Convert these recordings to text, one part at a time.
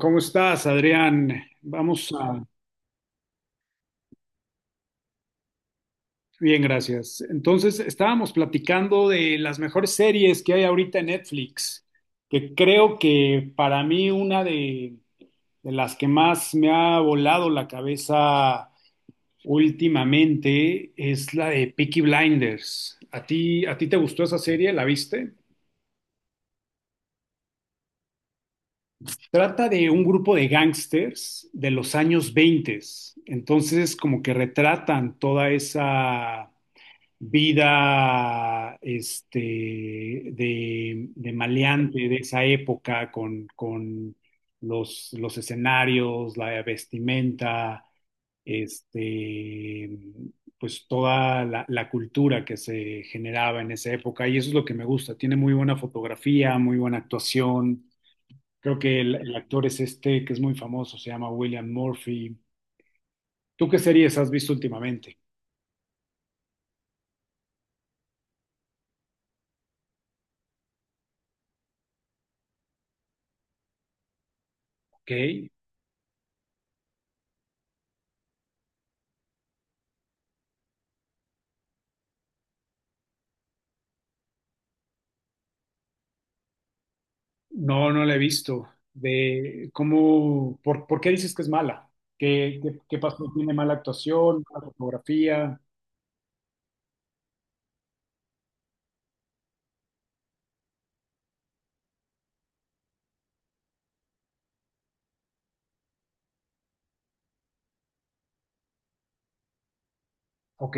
¿Cómo estás, Adrián? Bien, gracias. Entonces, estábamos platicando de las mejores series que hay ahorita en Netflix, que creo que para mí de las que más me ha volado la cabeza últimamente es la de Peaky Blinders. ¿A ti te gustó esa serie? ¿La viste? Trata de un grupo de gángsters de los años 20. Entonces, como que retratan toda esa vida de maleante de esa época con los escenarios, la vestimenta, este, pues toda la cultura que se generaba en esa época. Y eso es lo que me gusta. Tiene muy buena fotografía, muy buena actuación. Creo que el actor es este que es muy famoso, se llama William Murphy. ¿Tú qué series has visto últimamente? Ok. No, no la he visto. ¿Por qué dices que es mala? ¿Qué pasó? ¿Tiene mala actuación, mala fotografía? Ok.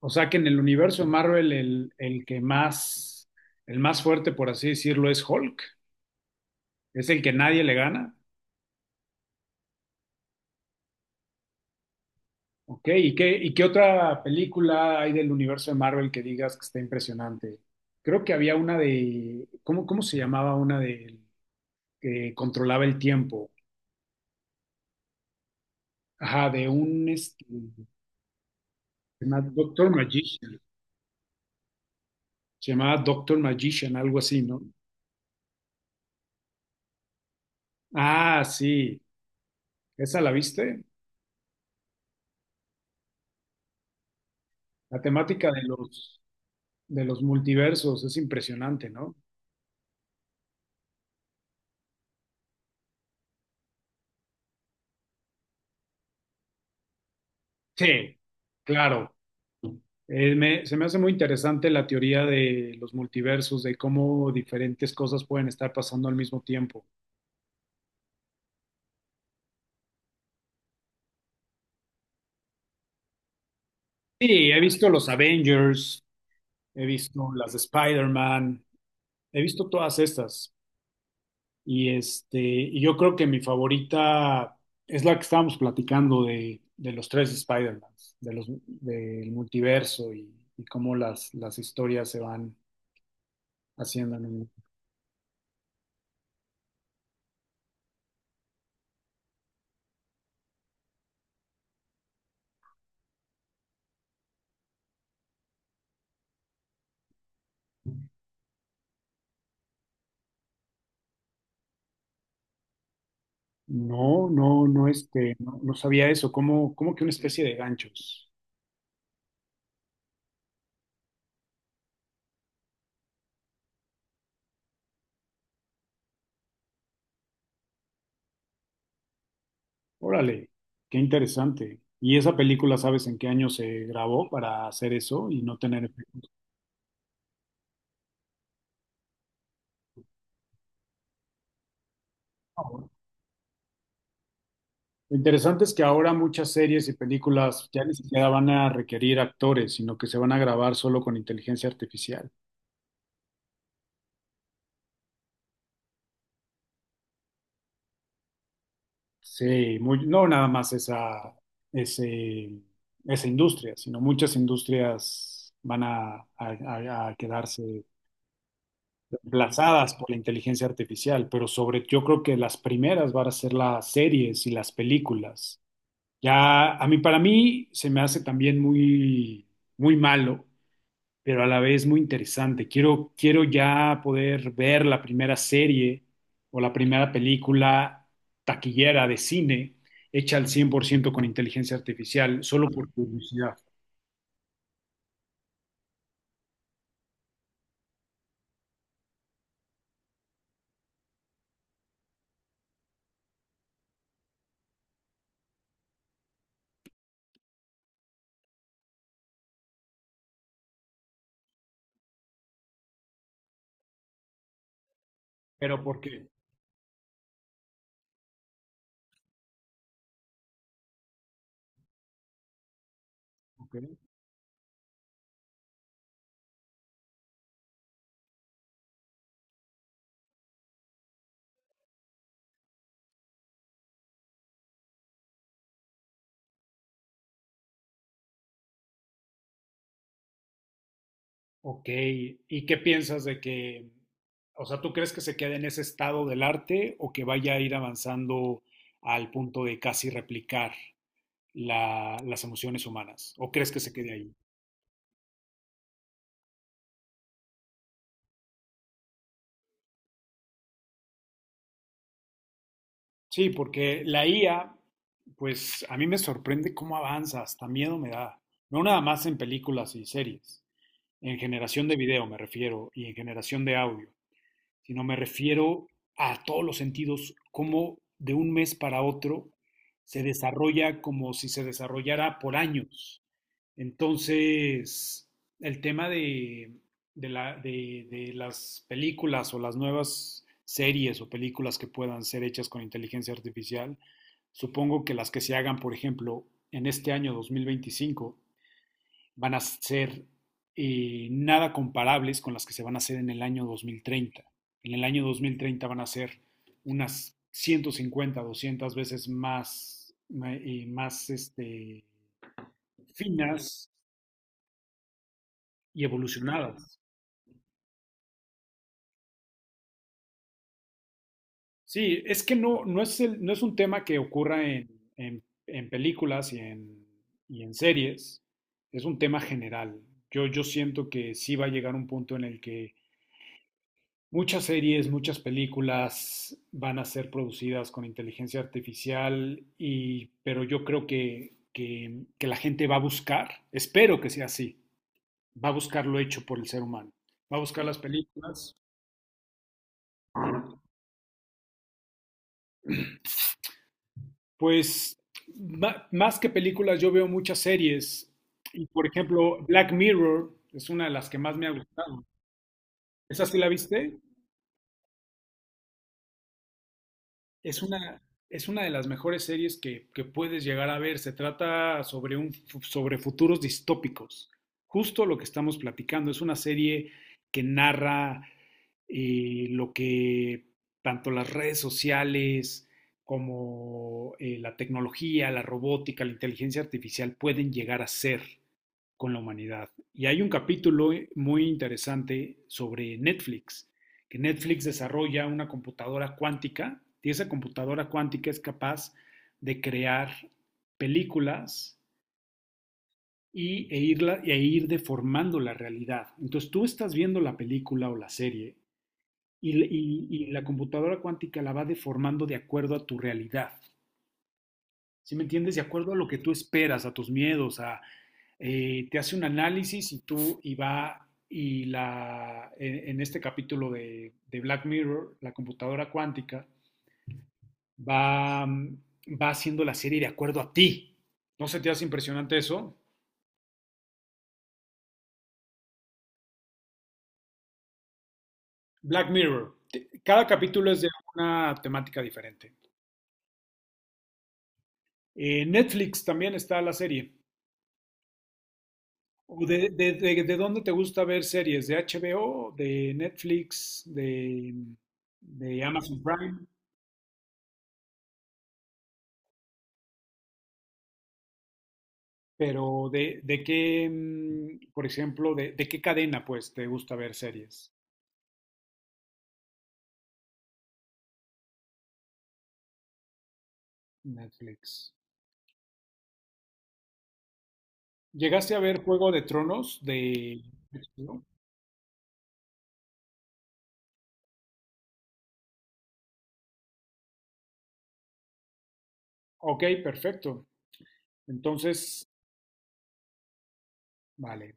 O sea que en el universo Marvel el que más, el más fuerte, por así decirlo, es Hulk. Es el que nadie le gana. Ok. ¿Y qué otra película hay del universo de Marvel que digas que está impresionante? Creo que había una de, ¿cómo se llamaba una de que controlaba el tiempo? Ajá. Se llama Doctor Magician. Se llamaba Doctor Magician, algo así, ¿no? Ah, sí. ¿Esa la viste? La temática de los multiversos es impresionante, ¿no? Sí, claro. Se me hace muy interesante la teoría de los multiversos, de cómo diferentes cosas pueden estar pasando al mismo tiempo. Sí, he visto los Avengers, he visto las de Spider-Man, he visto todas estas. Y yo creo que mi favorita es la que estábamos platicando de los tres Spider-Mans, del multiverso y cómo las historias se van haciendo. No, no, no, no, no sabía eso, como que una especie de ganchos. Órale, qué interesante. ¿Y esa película sabes en qué año se grabó para hacer eso y no tener efecto? Lo interesante es que ahora muchas series y películas ya ni siquiera van a requerir actores, sino que se van a grabar solo con inteligencia artificial. Sí, no nada más esa, ese- esa industria, sino muchas industrias van a quedarse reemplazadas por la inteligencia artificial, pero sobre, yo creo que las primeras van a ser las series y las películas. Ya, para mí, se me hace también muy, muy malo pero a la vez muy interesante. Quiero ya poder ver la primera serie o la primera película taquillera de cine hecha al 100% con inteligencia artificial, solo por curiosidad. ¿Pero por qué? Ok. Ok. ¿Y qué piensas o sea, tú crees que se quede en ese estado del arte o que vaya a ir avanzando al punto de casi replicar las emociones humanas? ¿O crees que se quede ahí? Sí, porque la IA, pues a mí me sorprende cómo avanza, hasta miedo me da. No nada más en películas y series, en generación de video me refiero y en generación de audio, sino me refiero a todos los sentidos, cómo de un mes para otro se desarrolla como si se desarrollara por años. Entonces, el tema de las películas o las nuevas series o películas que puedan ser hechas con inteligencia artificial, supongo que las que se hagan, por ejemplo, en este año 2025 van a ser nada comparables con las que se van a hacer en el año 2030. En el año 2030 van a ser unas 150 200 veces más, más finas, y evolucionadas. Sí, es que no es un tema que ocurra en, en películas y en series, es un tema general. Yo siento que sí va a llegar un punto en el que muchas series, muchas películas van a ser producidas con inteligencia artificial, pero yo creo que la gente va a buscar, espero que sea así, va a buscar lo hecho por el ser humano, va a buscar las películas. Pues más que películas, yo veo muchas series. Y por ejemplo, Black Mirror es una de las que más me ha gustado. ¿Esa sí la viste? Es una, es una de las mejores series que puedes llegar a ver. Se trata sobre futuros distópicos. Justo lo que estamos platicando. Es una serie que narra lo que tanto las redes sociales como la tecnología, la robótica, la inteligencia artificial pueden llegar a ser con la humanidad. Y hay un capítulo muy interesante sobre Netflix, que Netflix desarrolla una computadora cuántica y esa computadora cuántica es capaz de crear películas e ir deformando la realidad. Entonces tú estás viendo la película o la serie y la computadora cuántica la va deformando de acuerdo a tu realidad. ¿Sí me entiendes? De acuerdo a lo que tú esperas, a tus miedos, te hace un análisis y tú y va y la, en este capítulo Black Mirror, la computadora cuántica, va haciendo la serie de acuerdo a ti. ¿No se te hace impresionante eso? Black Mirror, cada capítulo es de una temática diferente. Netflix también está la serie. ¿O de dónde te gusta ver series? ¿De HBO, de Netflix, de Amazon Prime? ¿Pero por ejemplo, de qué cadena pues te gusta ver series? Netflix. ¿Llegaste a ver Juego de Tronos de HBO? Ok, perfecto. Entonces, vale.